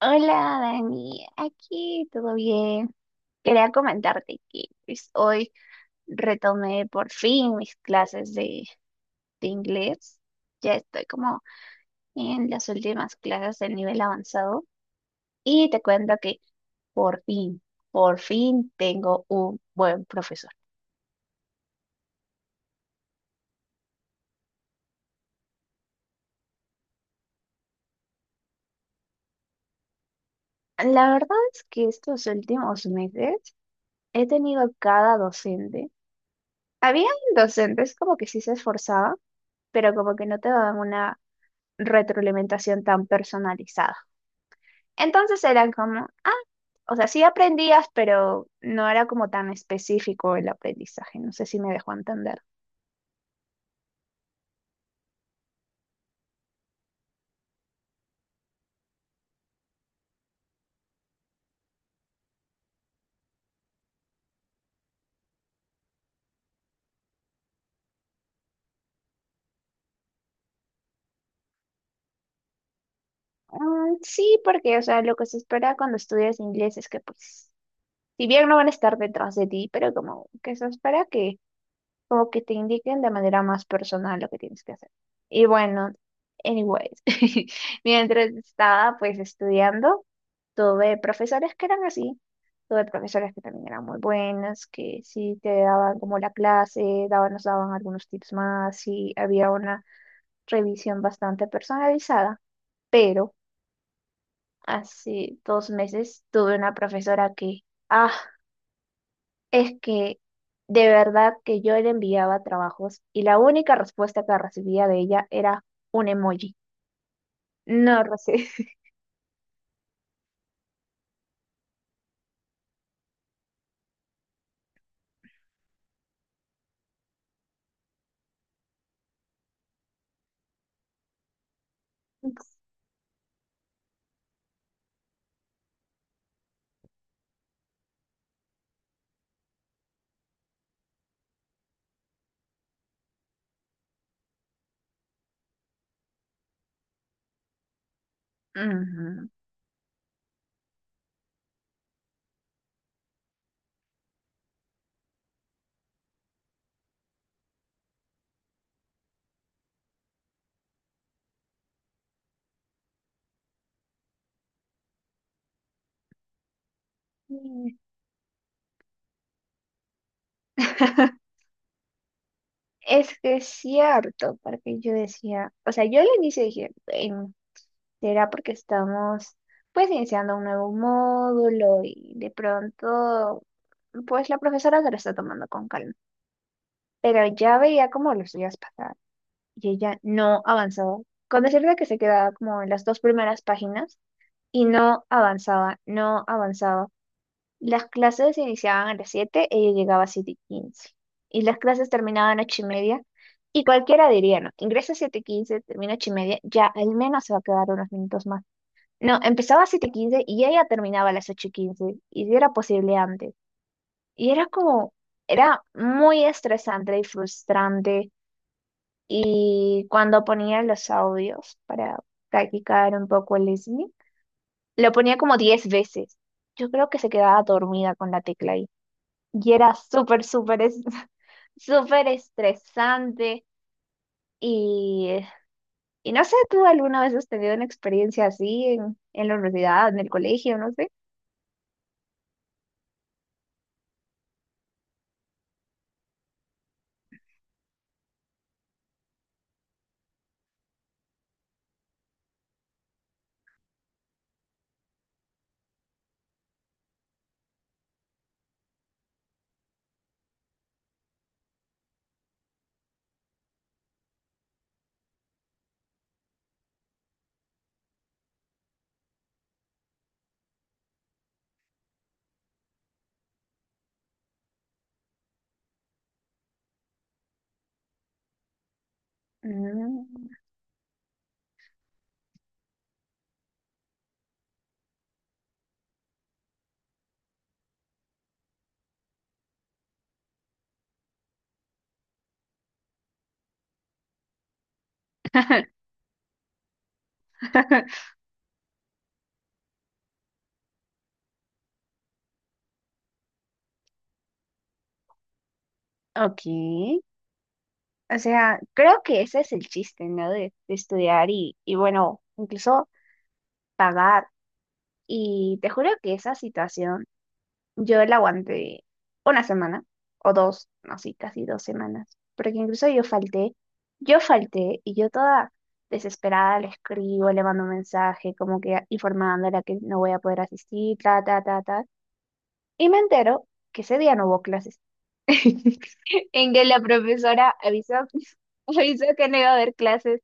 Hola Dani, aquí todo bien. Quería comentarte que pues, hoy retomé por fin mis clases de inglés. Ya estoy como en las últimas clases del nivel avanzado y te cuento que por fin, por fin tengo un buen profesor. La verdad es que estos últimos meses he tenido cada docente. Habían docentes como que sí se esforzaban, pero como que no te daban una retroalimentación tan personalizada. Entonces era como, ah, o sea, sí aprendías, pero no era como tan específico el aprendizaje. No sé si me dejó entender. Mm, sí, porque, o sea, lo que se espera cuando estudias inglés es que, pues, si bien no van a estar detrás de ti, pero como que se espera que como que te indiquen de manera más personal lo que tienes que hacer. Y bueno, anyways, mientras estaba pues estudiando, tuve profesores que eran así, tuve profesores que también eran muy buenas, que sí te daban como la clase, daban, nos daban algunos tips más y había una revisión bastante personalizada, pero hace dos meses tuve una profesora que, ah, es que de verdad que yo le enviaba trabajos y la única respuesta que recibía de ella era un emoji. No recibí. Ujú. Es que es cierto, porque yo decía, o sea, yo al inicio dije: "Ven, será porque estamos pues iniciando un nuevo módulo y de pronto pues la profesora se lo está tomando con calma, pero ya veía como los días pasaban y ella no avanzaba. Con decirte que se quedaba como en las dos primeras páginas y no avanzaba, no avanzaba. Las clases iniciaban a las 7, ella llegaba a 7 y 15. Y las clases terminaban a 8 y media. Y cualquiera diría, no, ingresa a 7 y 15, termina a 8 y media, ya al menos se va a quedar unos minutos más. No, empezaba a 7 y 15 y ella terminaba a las 8 y 15. Y si era posible antes. Y era como, era muy estresante y frustrante y cuando ponía los audios para practicar un poco el listening, lo ponía como 10 veces. Yo creo que se quedaba dormida con la tecla ahí. Y era súper, súper, súper estresante. Y, eh, y no sé, ¿tú alguna vez has tenido una experiencia así en la universidad, en el colegio, no sé? Mm. Ok, o sea, creo que ese es el chiste, ¿no? De estudiar y bueno, incluso pagar. Y te juro que esa situación yo la aguanté una semana o dos, no, sí, casi dos semanas, porque incluso yo falté y yo toda desesperada le escribo, le mando un mensaje como que informándola que no voy a poder asistir, ta, ta, ta, ta. Y me entero que ese día no hubo clases, en que la profesora avisó, avisó que no iba a haber clases.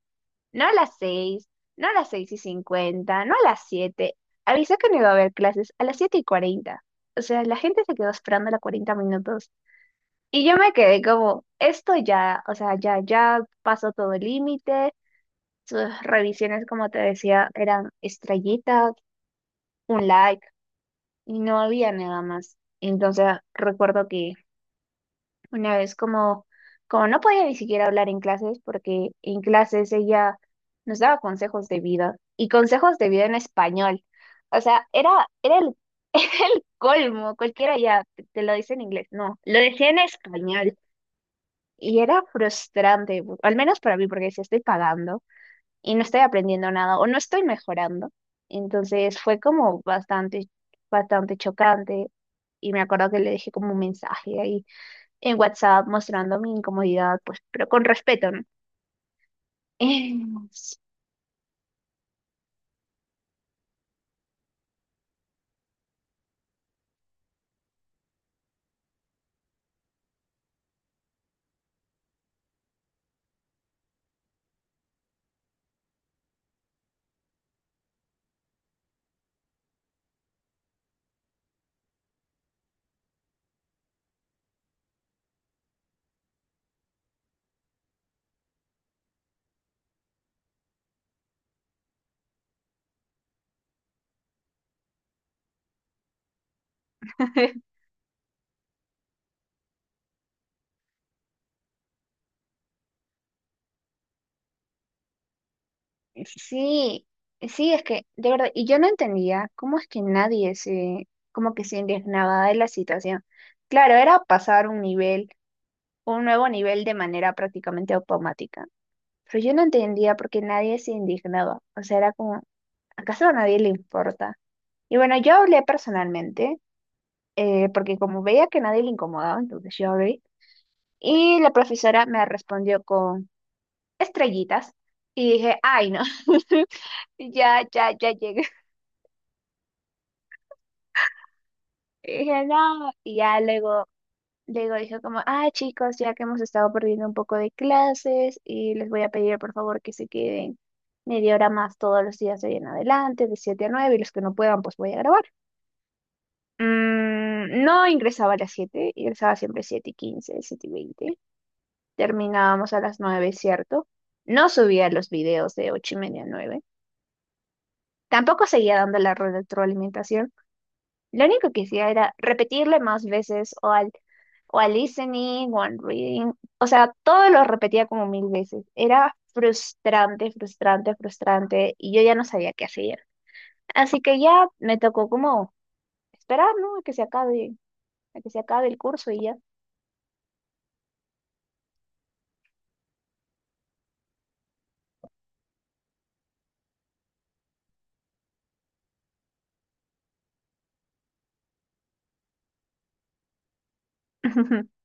No a las seis, no a las seis y cincuenta, no a las siete. Avisé que no iba a haber clases a las siete y cuarenta. O sea, la gente se quedó esperando a las 40 minutos. Y yo me quedé como, esto ya, o sea, ya, ya pasó todo el límite. Sus revisiones, como te decía, eran estrellitas, un like, y no había nada más. Entonces recuerdo que una vez como, como no podía ni siquiera hablar en clases, porque en clases ella nos daba consejos de vida y consejos de vida en español. O sea, era, era el colmo, cualquiera ya te lo dice en inglés, no, lo decía en español y era frustrante, al menos para mí, porque si estoy pagando y no estoy aprendiendo nada o no estoy mejorando, entonces fue como bastante, bastante chocante y me acuerdo que le dejé como un mensaje en WhatsApp mostrando mi incomodidad, pues, pero con respeto, ¿no? Sí, sí, es que, de verdad, y yo no entendía cómo es que nadie como que se indignaba de la situación. Claro, era pasar un nivel, un nuevo nivel de manera prácticamente automática, pero yo no entendía por qué nadie se indignaba. O sea, era como, ¿acaso a nadie le importa? Y bueno, yo hablé personalmente, porque como veía que nadie le incomodaba, entonces yo hablé, y la profesora me respondió con estrellitas y dije, ay, no, ya, ya, ya llegué. Y dije, no, y ya luego, luego dije como, ah, chicos, ya que hemos estado perdiendo un poco de clases y les voy a pedir por favor que se queden media hora más todos los días de ahí en adelante, de 7 a 9 y los que no puedan, pues voy a grabar. Mm, no ingresaba a las siete, ingresaba siempre 7 y quince, 7 y veinte. Terminábamos a las nueve, ¿cierto? No subía los videos de 8 y media a nueve. Tampoco seguía dando la retroalimentación. Lo único que hacía era repetirle más veces o al listening o al reading. O sea, todo lo repetía como mil veces. Era frustrante, frustrante, frustrante y yo ya no sabía qué hacer. Así que ya me tocó como esperar, ¿no? A que se acabe, a que se acabe el curso y ya.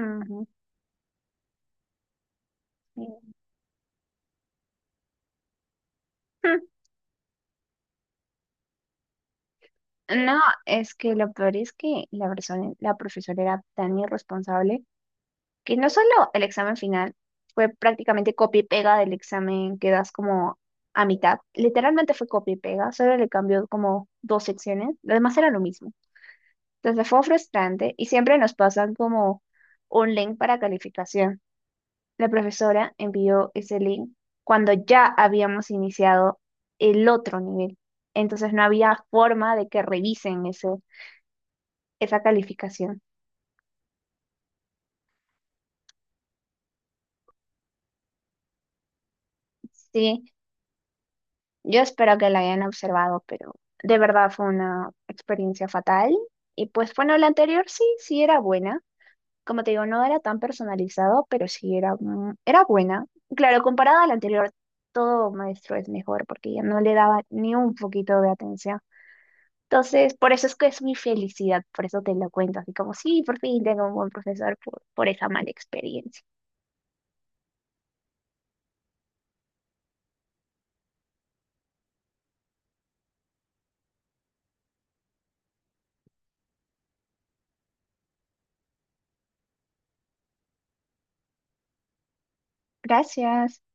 Ujú, sí. No, es que lo peor es que la persona, la profesora era tan irresponsable que no solo el examen final fue prácticamente copia y pega del examen que das como a mitad, literalmente fue copia y pega, solo le cambió como dos secciones, lo demás era lo mismo. Entonces fue frustrante y siempre nos pasan como un link para calificación. La profesora envió ese link cuando ya habíamos iniciado el otro nivel. Entonces no había forma de que revisen esa calificación. Sí, yo espero que la hayan observado, pero de verdad fue una experiencia fatal. Y pues bueno, la anterior sí, sí era buena. Como te digo, no era tan personalizado, pero sí era, mm, era buena. Claro, comparada a la anterior, todo maestro es mejor porque ya no le daba ni un poquito de atención. Entonces, por eso es que es mi felicidad, por eso te lo cuento, así como, sí, por fin tengo un buen profesor por esa mala experiencia. Gracias.